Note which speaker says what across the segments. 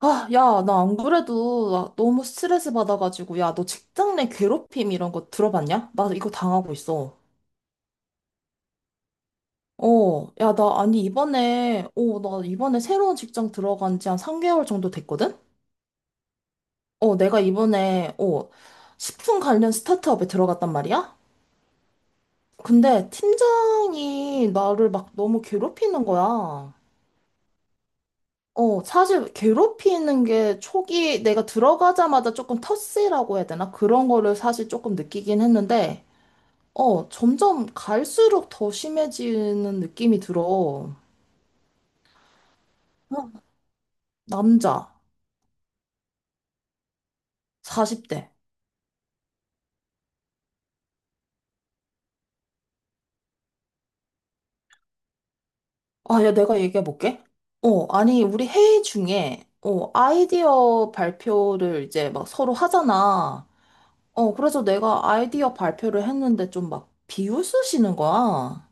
Speaker 1: 아, 야, 나 안 그래도 나 너무 스트레스 받아가지고, 야, 너 직장 내 괴롭힘 이런 거 들어봤냐? 나 이거 당하고 있어. 야, 나, 아니, 이번에, 나 이번에 새로운 직장 들어간 지 한 3개월 정도 됐거든? 내가 이번에, 식품 관련 스타트업에 들어갔단 말이야? 근데 팀장이 나를 막 너무 괴롭히는 거야. 사실 괴롭히는 게 초기 내가 들어가자마자 조금 터스라고 해야 되나? 그런 거를 사실 조금 느끼긴 했는데, 점점 갈수록 더 심해지는 느낌이 들어. 어, 남자, 40대. 아, 야, 내가 얘기해볼게. 아니, 우리 회의 중에, 아이디어 발표를 이제 막 서로 하잖아. 그래서 내가 아이디어 발표를 했는데 좀 막 비웃으시는 거야.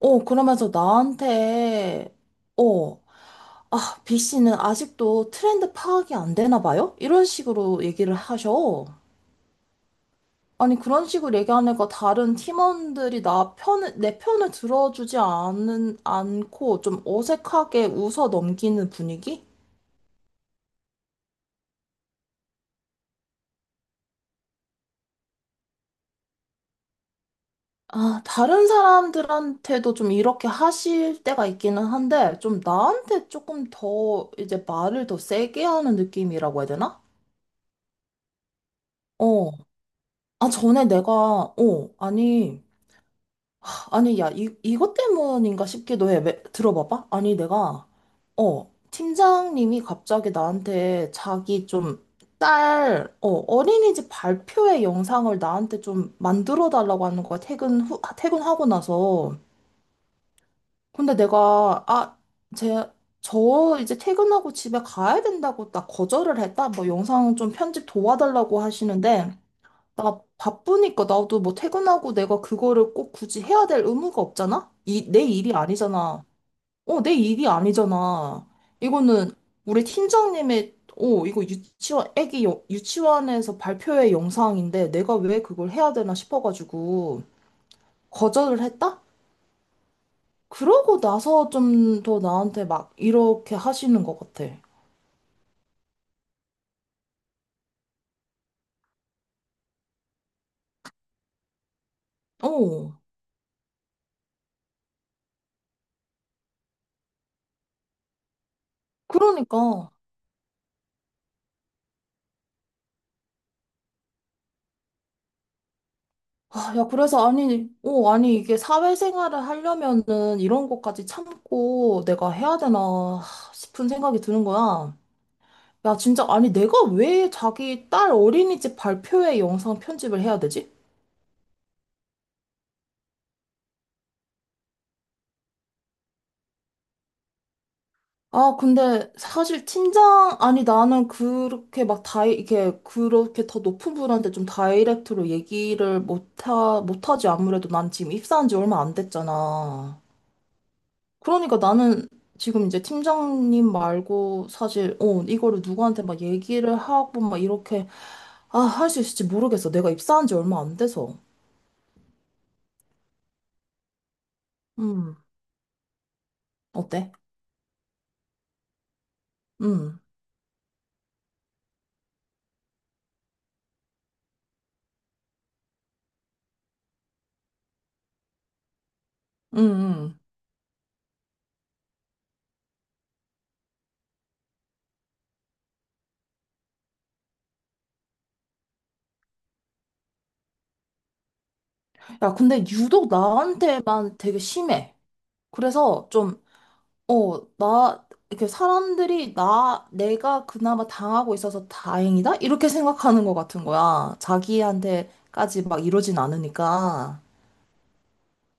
Speaker 1: 그러면서 나한테, 어, 아, B 씨는 아직도 트렌드 파악이 안 되나 봐요? 이런 식으로 얘기를 하셔. 아니, 그런 식으로 얘기하니까 다른 팀원들이 나 편을, 내 편을 들어주지 않은 않고 좀 어색하게 웃어 넘기는 분위기? 아, 다른 사람들한테도 좀 이렇게 하실 때가 있기는 한데, 좀 나한테 조금 더 이제 말을 더 세게 하는 느낌이라고 해야 되나? 어. 아, 전에 내가, 아니, 아니, 야, 이것 때문인가 싶기도 해. 들어봐봐. 아니, 내가, 팀장님이 갑자기 나한테 자기 좀 딸, 어린이집 발표회 영상을 나한테 좀 만들어 달라고 하는 거야. 퇴근 후, 퇴근하고 나서. 근데 내가, 아, 제, 저 이제 퇴근하고 집에 가야 된다고 나 거절을 했다. 뭐 영상 좀 편집 도와달라고 하시는데, 나 바쁘니까 나도 뭐 퇴근하고 내가 그거를 꼭 굳이 해야 될 의무가 없잖아? 내 일이 아니잖아. 내 일이 아니잖아. 이거는 우리 팀장님의, 이거 유치원, 애기 유치원에서 발표회 영상인데 내가 왜 그걸 해야 되나 싶어가지고 거절을 했다? 그러고 나서 좀 더 나한테 막 이렇게 하시는 것 같아. 어, 그러니까. 아, 야, 그래서 아니, 아니, 이게 사회생활을 하려면은 이런 것까지 참고 내가 해야 되나 싶은 생각이 드는 거야. 야, 진짜, 아니, 내가 왜 자기 딸 어린이집 발표회 영상 편집을 해야 되지? 아, 근데 사실 팀장, 아니, 나는 그렇게 막 이렇게, 그렇게 더 높은 분한테 좀 다이렉트로 얘기를 못하지. 아무래도 난 지금 입사한 지 얼마 안 됐잖아. 그러니까 나는 지금 이제 팀장님 말고 사실, 이거를 누구한테 막 얘기를 하고 막 이렇게, 아, 할 수 있을지 모르겠어. 내가 입사한 지 얼마 안 돼서. 음, 어때? 음, 음, 음. 야, 근데 유독 나한테만 되게 심해. 그래서 좀, 나, 이렇게 사람들이 나, 내가 그나마 당하고 있어서 다행이다? 이렇게 생각하는 것 같은 거야. 자기한테까지 막 이러진 않으니까.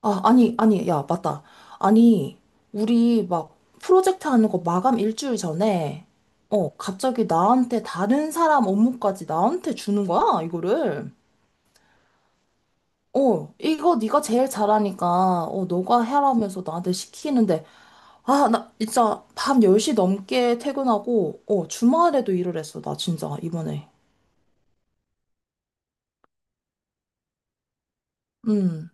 Speaker 1: 아, 아니, 아니, 야, 맞다. 아니, 우리 막 프로젝트 하는 거 마감 일주일 전에, 갑자기 나한테 다른 사람 업무까지 나한테 주는 거야, 이거를. 이거 네가 제일 잘하니까, 너가 해라면서 나한테 시키는데, 아, 나 진짜 밤 10시 넘게 퇴근하고, 주말에도 일을 했어, 나 진짜, 이번에. 음.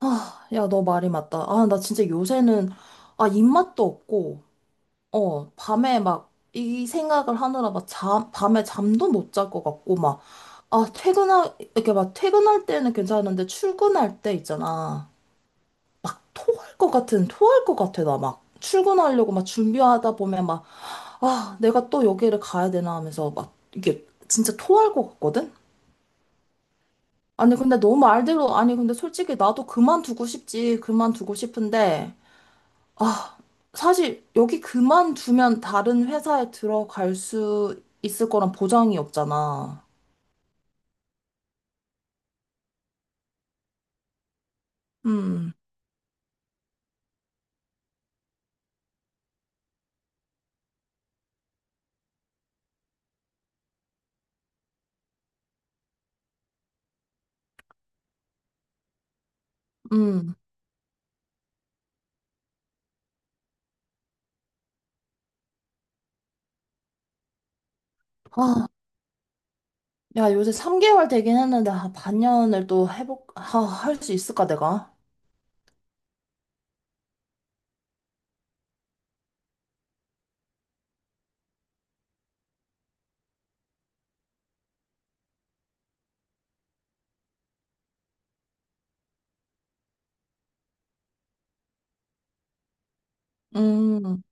Speaker 1: 아, 야, 너 말이 맞다. 아, 나 진짜 요새는, 아, 입맛도 없고, 밤에 막 이 생각을 하느라 막 잠, 밤에 잠도 못 잘 것 같고 막, 아, 이렇게 막 퇴근할 때는 괜찮은데 출근할 때 있잖아. 막 토할 것 같은, 토할 것 같아, 나 막. 출근하려고 막 준비하다 보면 막, 아, 내가 또 여기를 가야 되나 하면서 막 이게 진짜 토할 것 같거든? 아니, 근데 너 말대로, 아니, 근데 솔직히 나도 그만두고 싶지, 그만두고 싶은데. 아, 사실 여기 그만두면 다른 회사에 들어갈 수 있을 거란 보장이 없잖아. 음, 음. 아, 야, 요새 3개월 되긴 했는데, 아, 아, 할 수 있을까, 내가? 음.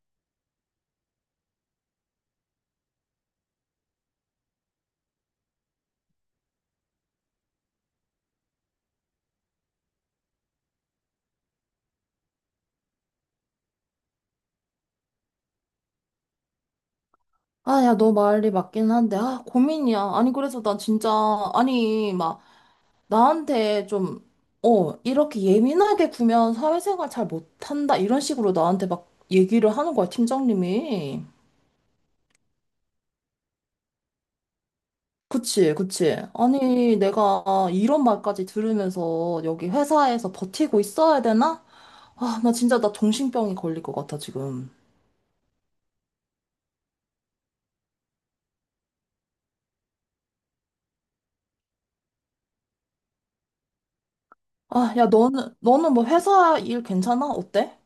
Speaker 1: 아, 야, 너 말이 맞긴 한데, 아, 고민이야. 아니, 그래서 난 진짜, 아니, 막, 나한테 좀, 이렇게 예민하게 구면 사회생활 잘 못한다, 이런 식으로 나한테 막 얘기를 하는 거야, 팀장님이. 그치, 그치. 아니, 내가 이런 말까지 들으면서 여기 회사에서 버티고 있어야 되나? 아, 나 진짜 나 정신병이 걸릴 것 같아, 지금. 아, 야, 너는 뭐 회사 일 괜찮아? 어때?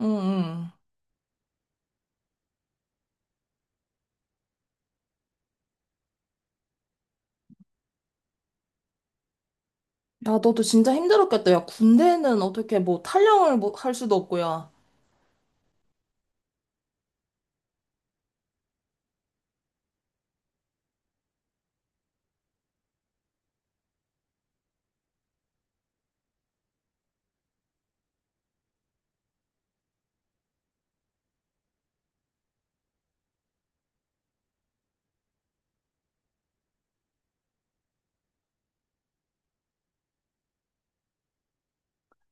Speaker 1: 응, 응. 야, 너도 진짜 힘들었겠다. 야, 군대는 어떻게 뭐 탈영을 뭐 할 수도 없고, 야.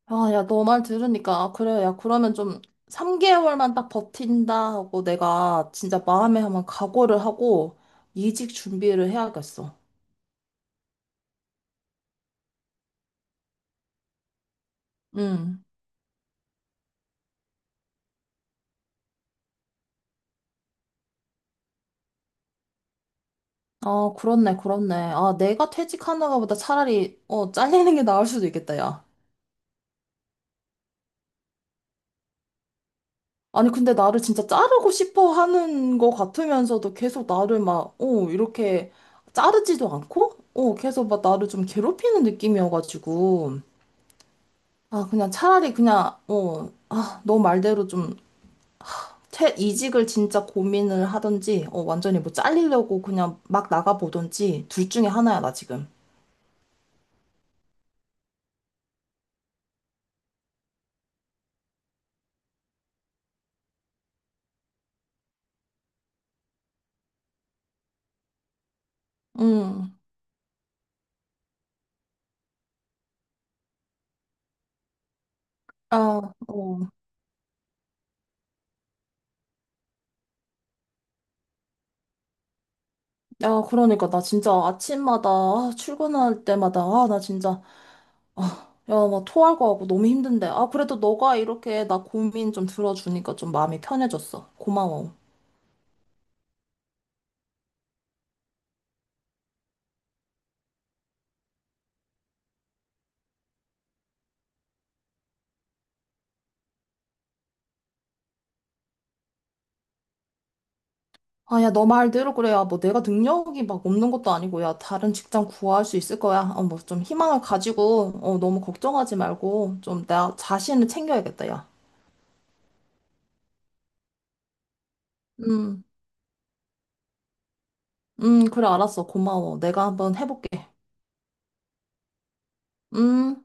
Speaker 1: 아, 야, 너 말 들으니까, 아, 그래. 야, 그러면 좀 3개월만 딱 버틴다 하고 내가 진짜 마음에 한번 각오를 하고 이직 준비를 해야겠어. 응. 아, 그렇네, 그렇네. 아, 내가 퇴직하는가 보다 차라리, 잘리는 게 나을 수도 있겠다, 야. 아니, 근데 나를 진짜 자르고 싶어 하는 거 같으면서도 계속 나를 막, 이렇게 자르지도 않고, 계속 막 나를 좀 괴롭히는 느낌이어가지고. 아, 그냥 차라리 그냥, 아, 너 말대로 좀, 이직을 진짜 고민을 하든지, 완전히 뭐 잘리려고 그냥 막 나가보든지, 둘 중에 하나야, 나 지금. 음, 아, 어. 야, 그러니까 나 진짜 아침마다 아, 출근할 때마다 아, 나 진짜 아, 야, 막 토할 거 같고 너무 힘든데. 아, 그래도 너가 이렇게 나 고민 좀 들어주니까 좀 마음이 편해졌어. 고마워. 아, 야, 너 말대로 그래. 야, 뭐 내가 능력이 막 없는 것도 아니고 야, 다른 직장 구할 수 있을 거야. 뭐 좀 희망을 가지고 너무 걱정하지 말고 좀 나 자신을 챙겨야겠다, 야. 음. 그래 알았어. 고마워. 내가 한번 해볼게. 음.